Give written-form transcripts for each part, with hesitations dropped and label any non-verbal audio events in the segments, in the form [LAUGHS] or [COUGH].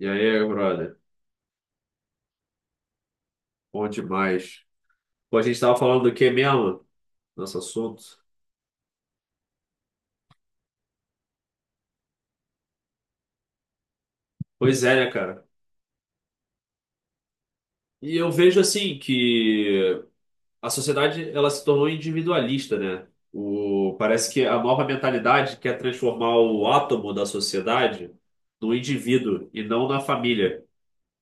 E aí, brother? Bom demais. Pô, a gente tava falando do que mesmo? Nosso assunto. Pois é, né, cara? E eu vejo assim que a sociedade ela se tornou individualista, né? Parece que a nova mentalidade quer transformar o átomo da sociedade no indivíduo e não na família.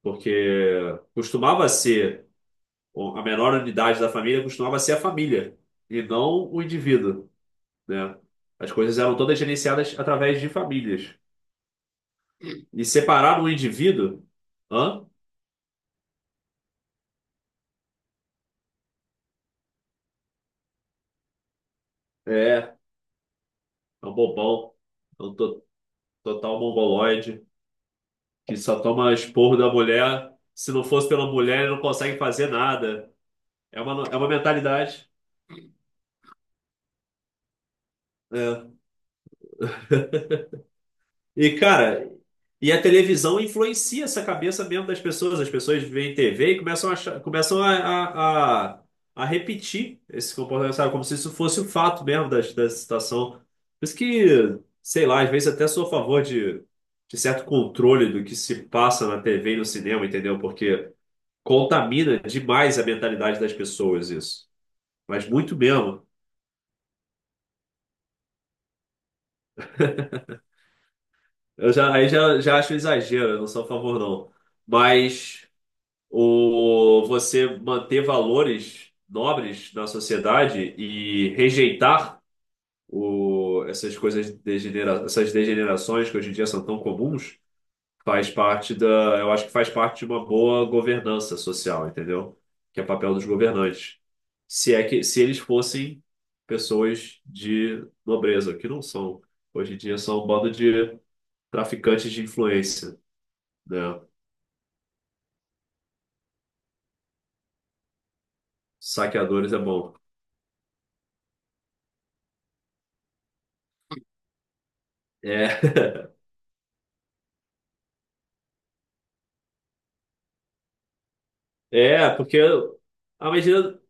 Porque costumava ser a menor unidade da família, costumava ser a família e não o indivíduo, né? As coisas eram todas gerenciadas através de famílias. E separar um indivíduo? Hã? É um bobão. É um total mongoloide que só toma esporro da mulher. Se não fosse pela mulher, ele não consegue fazer nada. É uma mentalidade. É. E, cara, a televisão influencia essa cabeça mesmo das pessoas. As pessoas veem TV e começam a, achar- começam a repetir esse comportamento, sabe? Como se isso fosse o fato mesmo da situação. Por isso que, sei lá, às vezes até sou a favor de certo controle do que se passa na TV e no cinema, entendeu? Porque contamina demais a mentalidade das pessoas isso. Mas muito mesmo. Eu já, aí já, já acho exagero, eu não sou a favor, não. Mas. Você manter valores nobres na sociedade e rejeitar o, essas coisas degenera, essas degenerações que hoje em dia são tão comuns, faz parte da, eu acho que faz parte de uma boa governança social, entendeu? Que é papel dos governantes. Se é que se eles fossem pessoas de nobreza, que não são. Hoje em dia são um bando de traficantes de influência, né? Saqueadores é bom. É. [LAUGHS] É, porque à medida,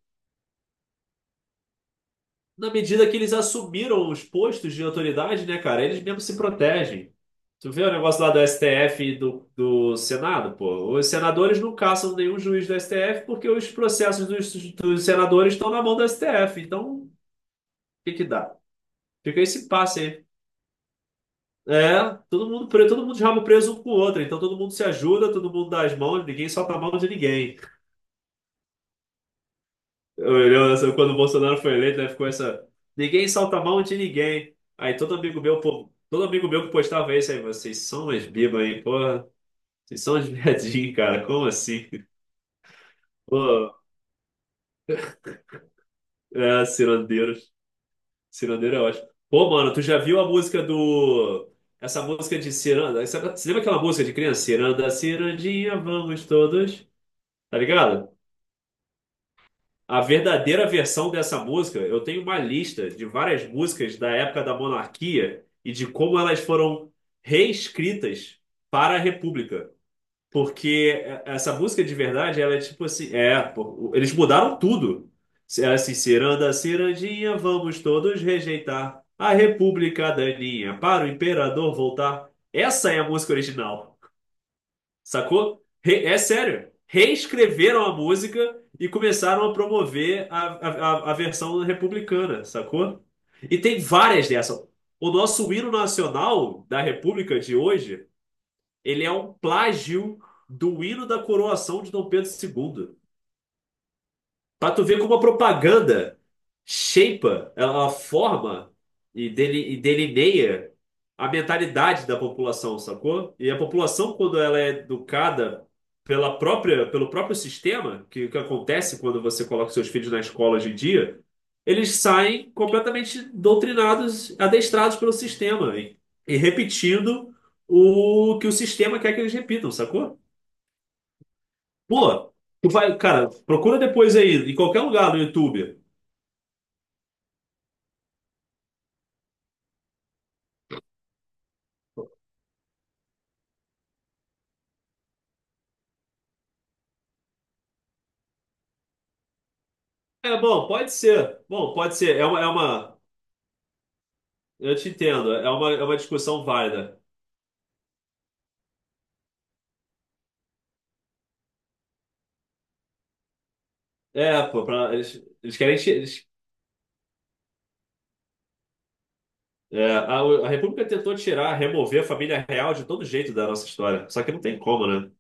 na medida que eles assumiram os postos de autoridade, né, cara, eles mesmos se protegem. Tu vê o negócio lá do STF e do Senado, pô. Os senadores não caçam nenhum juiz do STF porque os processos dos senadores estão na mão do STF. Então, o que que dá? Fica esse passe aí. É, todo mundo de rabo preso um com o outro. Então todo mundo se ajuda, todo mundo dá as mãos, ninguém solta a mão de ninguém. Eu lembro dessa- quando o Bolsonaro foi eleito, né, ficou essa. Ninguém solta a mão de ninguém. Aí todo amigo meu, pô, todo amigo meu que postava isso aí, vocês são umas bibas, aí porra, vocês são uns viadinhos, cara. Como assim? Pô, é, cirandeiros. Cirandeiro é ótimo. Pô, mano, tu já viu a música do. Essa música de ciranda? Essa- Você lembra aquela música de criança? Ciranda, cirandinha, vamos todos. Tá ligado? A verdadeira versão dessa música, eu tenho uma lista de várias músicas da época da monarquia e de como elas foram reescritas para a República. Porque essa música de verdade, ela é tipo assim, é, pô, eles mudaram tudo. É assim, ciranda, cirandinha, vamos todos rejeitar a República daninha para o imperador voltar. Essa é a música original. Sacou? É sério. Reescreveram a música e começaram a promover a, a versão republicana, sacou? E tem várias dessas. O nosso hino nacional da República de hoje, ele é um plágio do hino da coroação de Dom Pedro II. Pra tu ver como a propaganda shapea, ela forma e delineia a mentalidade da população, sacou? E a população, quando ela é educada pelo próprio sistema, que acontece quando você coloca seus filhos na escola hoje em dia, eles saem completamente doutrinados, adestrados pelo sistema e, repetindo o que o sistema quer que eles repitam, sacou? Pô, tu vai, cara, procura depois aí, em qualquer lugar no YouTube. É, bom, pode ser. Bom, pode ser. Eu te entendo. É uma discussão válida. É, pô, eles querem. É, a, a República tentou tirar, remover a família real de todo jeito da nossa história. Só que não tem como, né?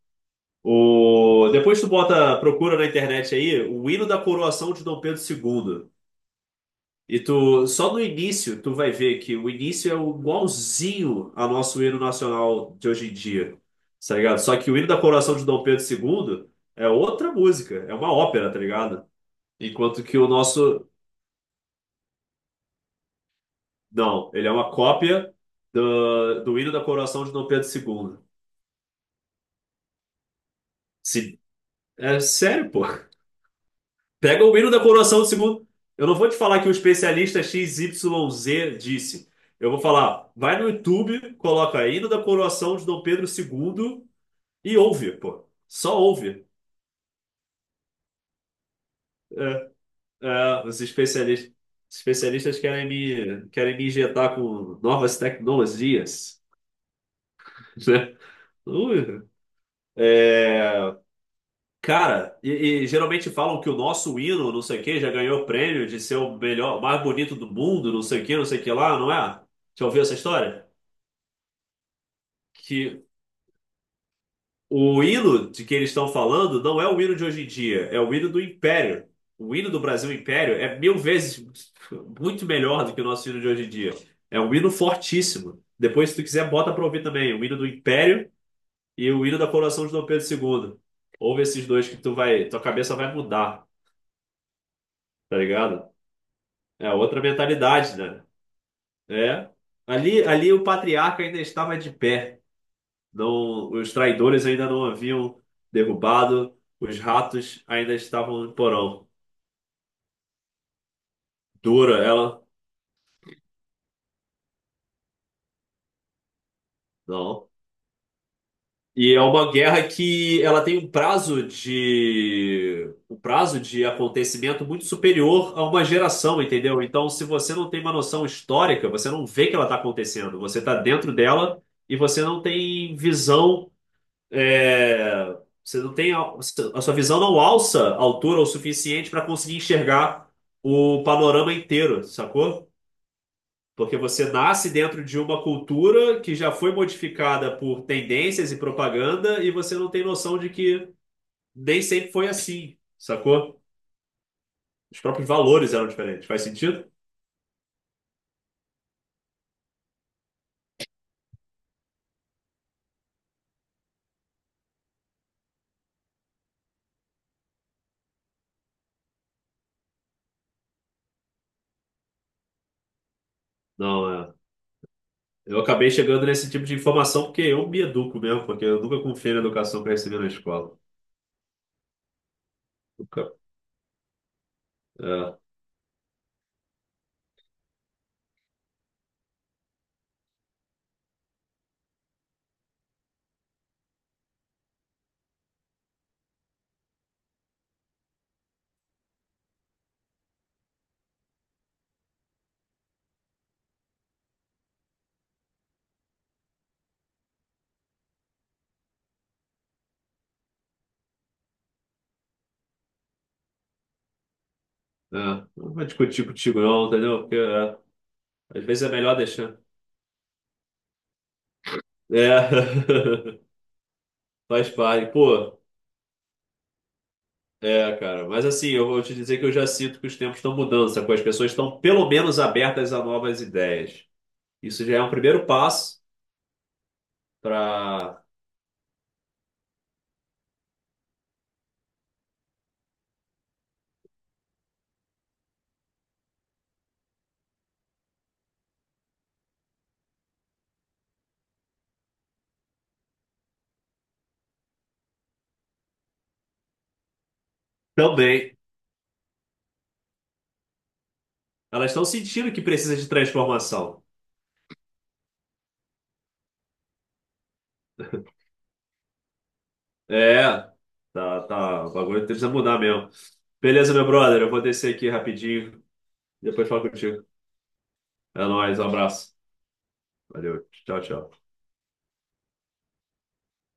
Depois tu bota, procura na internet aí, o hino da coroação de Dom Pedro II. E tu, só no início, tu vai ver que o início é igualzinho ao nosso hino nacional de hoje em dia, tá ligado? Só que o hino da coroação de Dom Pedro II é outra música, é uma ópera, tá ligado? Enquanto que o nosso, não, ele é uma cópia do hino da coroação de Dom Pedro II. Se, É sério, pô. Pega o hino da coroação do segundo. Eu não vou te falar que o especialista XYZ disse. Eu vou falar, vai no YouTube, coloca hino da coroação de Dom Pedro II e ouve, pô. Só ouve. É, os especialistas querem me injetar com novas tecnologias, [LAUGHS] né? Ui. É, cara, e geralmente falam que o nosso hino, não sei o quê, já ganhou o prêmio de ser o melhor, o mais bonito do mundo, não sei o quê, não sei o que lá, não é? Já ouviu essa história? Que o hino de que eles estão falando não é o hino de hoje em dia, é o hino do Império. O hino do Brasil Império é mil vezes muito melhor do que o nosso hino de hoje em dia. É um hino fortíssimo. Depois, se tu quiser, bota pra ouvir também o hino do Império e o hino da coroação de Dom Pedro II. Ouve esses dois que tu vai, tua cabeça vai mudar, tá ligado? É outra mentalidade, né? É. Ali o patriarca ainda estava de pé. Não, os traidores ainda não haviam derrubado, os ratos ainda estavam no porão. Dura ela, não. E é uma guerra que ela tem um prazo de acontecimento muito superior a uma geração, entendeu? Então, se você não tem uma noção histórica, você não vê que ela está acontecendo. Você está dentro dela e você não tem visão é, você não tem a sua visão não alça a altura o suficiente para conseguir enxergar o panorama inteiro, sacou? Porque você nasce dentro de uma cultura que já foi modificada por tendências e propaganda e você não tem noção de que nem sempre foi assim, sacou? Os próprios valores eram diferentes. Faz sentido? Não, é. Eu acabei chegando nesse tipo de informação porque eu me educo mesmo, porque eu nunca confiei na educação que eu recebi na escola. Nunca. É. É, não vou discutir contigo não, entendeu? Às vezes é melhor deixar. É, [LAUGHS] faz parte. Pô, é, cara. Mas assim, eu vou te dizer que eu já sinto que os tempos estão mudando, sacou? As pessoas estão pelo menos abertas a novas ideias. Isso já é um primeiro passo para também. Elas estão sentindo que precisa de transformação. É, tá, tá. O bagulho precisa mudar mesmo. Beleza, meu brother. Eu vou descer aqui rapidinho. Depois falo contigo. É nóis, um abraço. Valeu. Tchau, tchau.